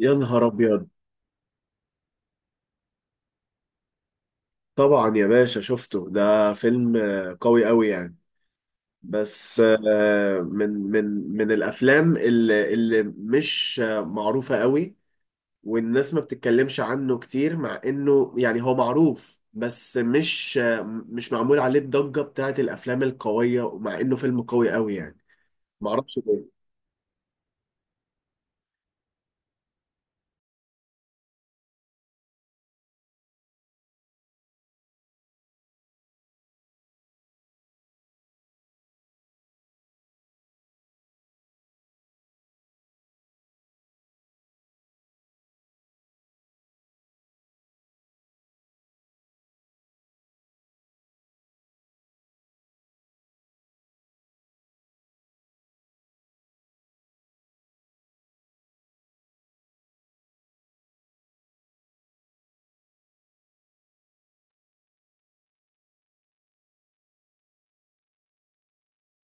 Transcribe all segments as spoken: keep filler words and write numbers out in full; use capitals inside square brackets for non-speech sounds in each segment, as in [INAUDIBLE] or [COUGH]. يا نهار ابيض. طبعا يا باشا، شفته، ده فيلم آه، قوي قوي يعني. بس آه، من من من الافلام اللي اللي مش آه، معروفه قوي، والناس ما بتتكلمش عنه كتير، مع انه يعني هو معروف، بس مش آه، مش معمول عليه الضجه بتاعت الافلام القويه، ومع انه فيلم قوي قوي يعني. معرفش ليه.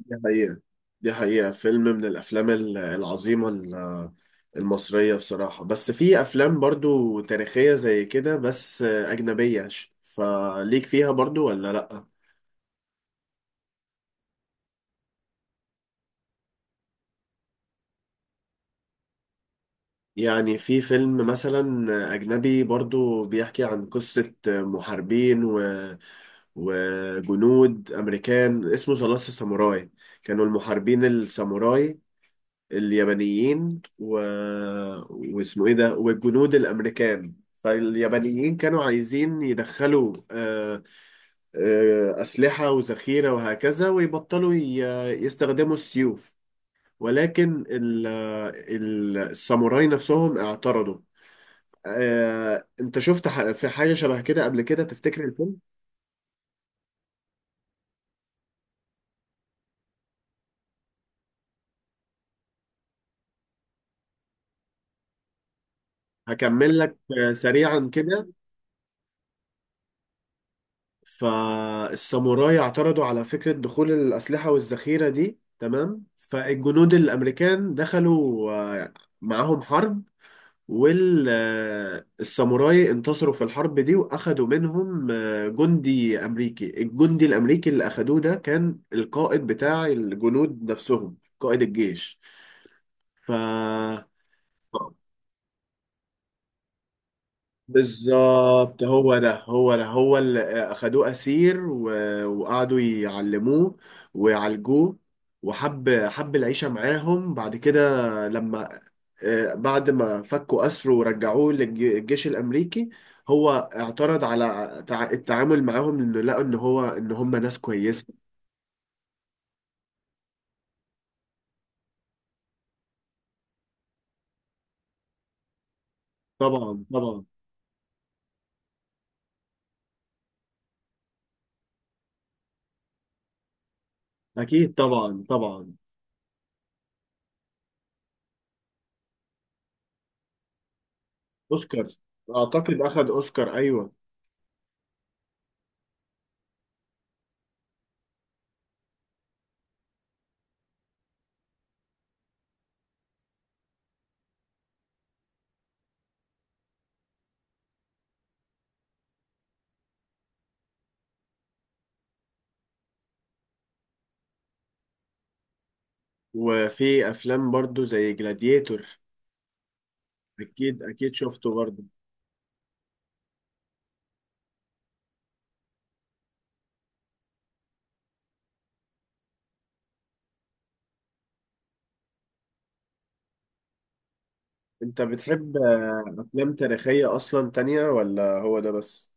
دي حقيقه، دي حقيقه، فيلم من الافلام العظيمه المصرية بصراحة. بس في أفلام برضو تاريخية زي كده بس أجنبية، ش- فليك فيها برضو ولا لأ؟ يعني في فيلم مثلا أجنبي برضو بيحكي عن قصة محاربين و... وجنود أمريكان اسمه ذا لاست ساموراي. كانوا المحاربين الساموراي اليابانيين و... واسمه ايه ده، والجنود الامريكان، فاليابانيين كانوا عايزين يدخلوا آه، آه، اسلحه وذخيره وهكذا، ويبطلوا ي... يستخدموا السيوف، ولكن ال... ال- الساموراي نفسهم اعترضوا. آه، انت شفت ح- في حاجه شبه كده قبل كده تفتكر الفيلم؟ هكمل لك آه، سريعا كده. فالساموراي اعترضوا على فكرة دخول الأسلحة والذخيرة دي، تمام، فالجنود الأمريكان دخلوا آه، معاهم حرب، والساموراي انتصروا في الحرب دي، وأخدوا منهم آه، جندي أمريكي. الجندي الأمريكي اللي أخدوه ده كان القائد بتاع الجنود نفسهم، قائد الجيش. ف بالظبط، هو ده، هو ده، هو اللي اخدوه اسير و- وقعدوا يعلموه ويعالجوه، وحب حب العيشه معاهم بعد كده. لما آه، بعد ما فكوا اسره ورجعوه للجيش الامريكي، هو اعترض على تع- التعامل معاهم، انه لقوا ان هو ان هم ناس كويسه. طبعا طبعا. اكيد طبعا طبعا. اوسكار؟ اعتقد اخد اوسكار، ايوه. وفي افلام برضو زي جلاديتور. اكيد اكيد شفته برضه. انت بتحب افلام تاريخية اصلا تانية ولا هو ده بس؟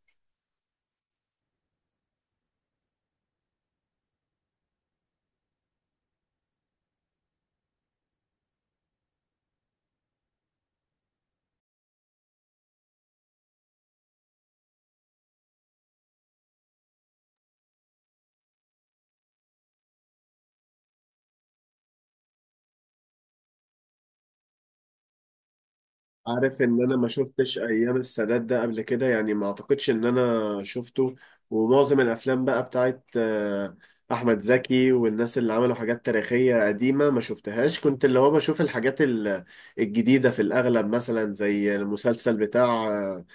عارف ان انا ما شفتش ايام السادات ده قبل كده، يعني ما اعتقدش ان انا شفته. ومعظم الافلام بقى بتاعت آه، احمد زكي والناس اللي عملوا حاجات تاريخية قديمة ما شفتهاش. كنت اللي هو بشوف الحاجات ال- الجديدة في الاغلب، مثلا زي المسلسل بتاع آه،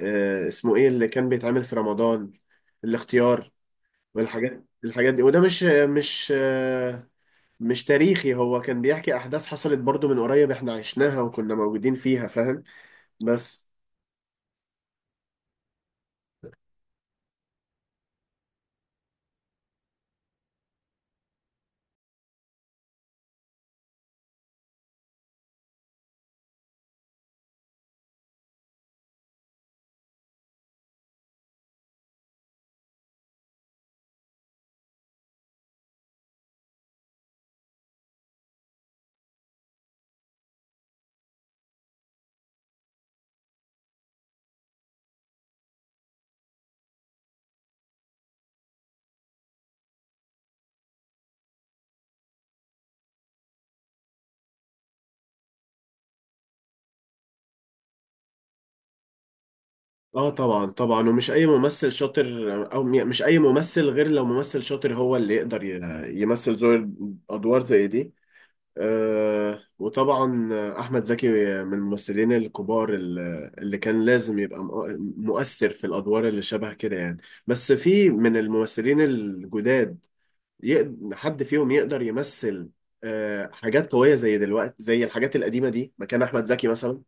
آه، اسمه ايه اللي كان بيتعمل في رمضان، الاختيار، والحاجات الحاجات دي، وده مش مش آه، مش تاريخي. هو كان بيحكي احداث حصلت برضو من قريب، احنا عشناها وكنا موجودين فيها، فاهم؟ بس. اه طبعا طبعا، ومش اي ممثل شاطر، او م- مش اي ممثل، غير لو ممثل شاطر هو اللي يقدر ي- يمثل زي ادوار زي دي. آه وطبعا احمد زكي من الممثلين الكبار، ال- اللي كان لازم يبقى مؤ- مؤثر في الادوار اللي شبه كده يعني. بس في من الممثلين الجداد يقد- حد فيهم يقدر يمثل آه، حاجات قوية زي دلوقتي، زي الحاجات القديمة دي، مكان أحمد زكي مثلا؟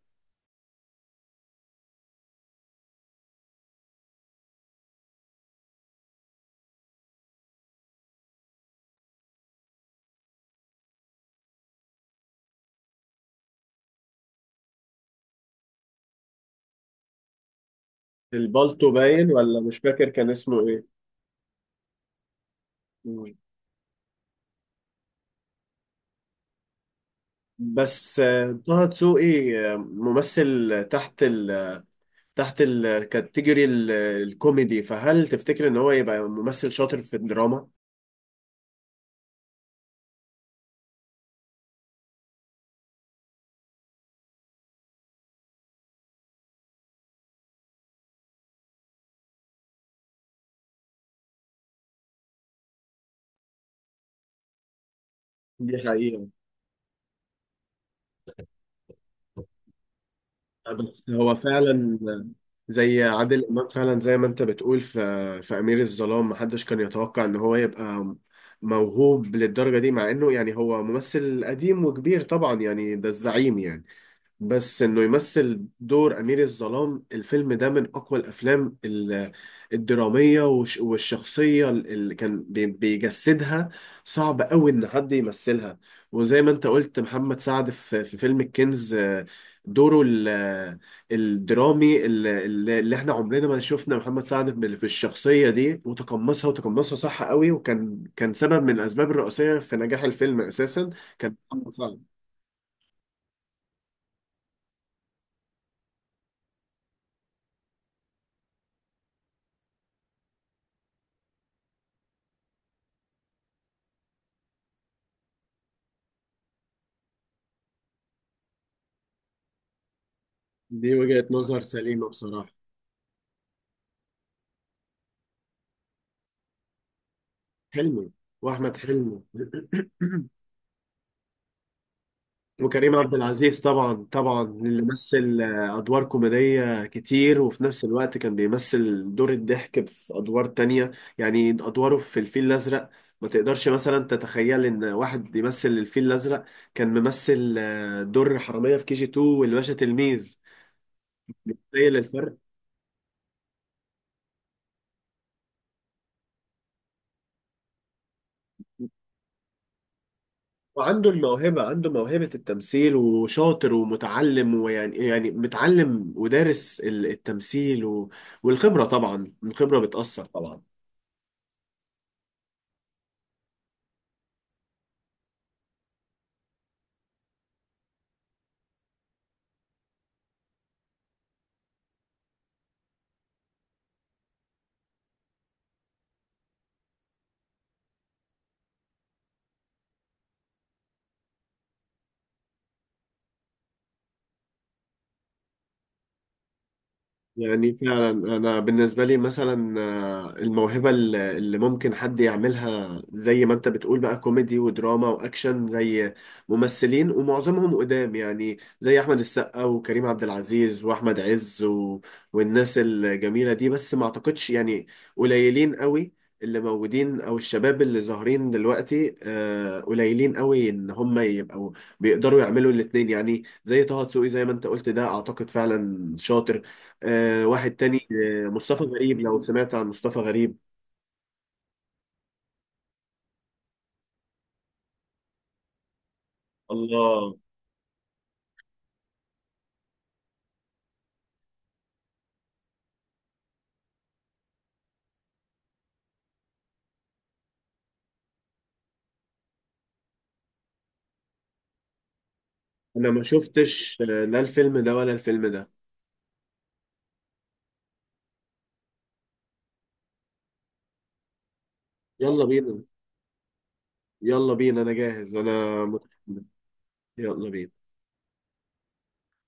البالتو باين ولا مش فاكر كان اسمه إيه؟ مم. بس آه، طه دسوقي آه، ممثل تحت ال تحت الكاتيجوري ال- الكوميدي، فهل تفتكر إن هو يبقى ممثل شاطر في الدراما؟ دي حقيقة. بس هو فعلا زي عادل امام، فعلا زي ما انت بتقول، في في امير الظلام محدش كان يتوقع ان هو يبقى موهوب للدرجه دي، مع انه يعني هو ممثل قديم وكبير طبعا، يعني ده الزعيم يعني. بس انه يمثل دور امير الظلام، الفيلم ده من اقوى الافلام ال- الدراميه، والش- والشخصيه اللي كان بي- بيجسدها صعب قوي ان حد يمثلها. وزي ما انت قلت محمد سعد في في فيلم الكنز، آه، دوره ال- آه، الدرامي ال- ال- اللي احنا عمرنا ما شفنا محمد سعد بال- في الشخصيه دي، وتقمصها وتقمصها صح قوي، وكان كان سبب من الاسباب الرئيسيه في نجاح الفيلم اساسا، كان محمد سعد. دي وجهة نظر سليمة بصراحة. حلمي واحمد حلمي [CLEARS THROAT] وكريم عبد العزيز طبعا طبعا، اللي مثل آه، ادوار كوميديه كتير وفي نفس الوقت كان بيمثل دور الضحك في ادوار تانية. يعني ادواره في الفيل الازرق ما تقدرش مثلا تتخيل ان واحد بيمثل الفيل الازرق كان ممثل آه، دور حراميه في كي جي اتنين والباشا تلميذ، تخيل الفرق. وعنده الموهبة، عنده موهبة التمثيل وشاطر ومتعلم، ويعني يعني متعلم ودارس ال- التمثيل و... والخبرة، طبعا الخبرة بتأثر طبعا. يعني فعلا انا بالنسبه لي مثلا آه، الموهبه الل- اللي ممكن حد يعملها زي ما انت بتقول بقى كوميدي ودراما واكشن، زي ممثلين ومعظمهم قدام، يعني زي احمد السقا وكريم عبد العزيز واحمد عز و... والناس الجميله دي، بس ما اعتقدش يعني. قليلين قوي اللي موجودين، او الشباب اللي ظاهرين دلوقتي آه، قليلين قوي ان هم يبقوا بيقدروا يعملوا الاتنين، يعني زي طه دسوقي زي ما انت قلت، ده اعتقد فعلا شاطر. آه واحد تاني، آه مصطفى غريب، لو سمعت عن مصطفى غريب. الله. انا ما شفتش، آه لا الفيلم ده ولا الفيلم ده. يلا بينا، يلا بينا، انا جاهز انا متحمس. يلا بينا.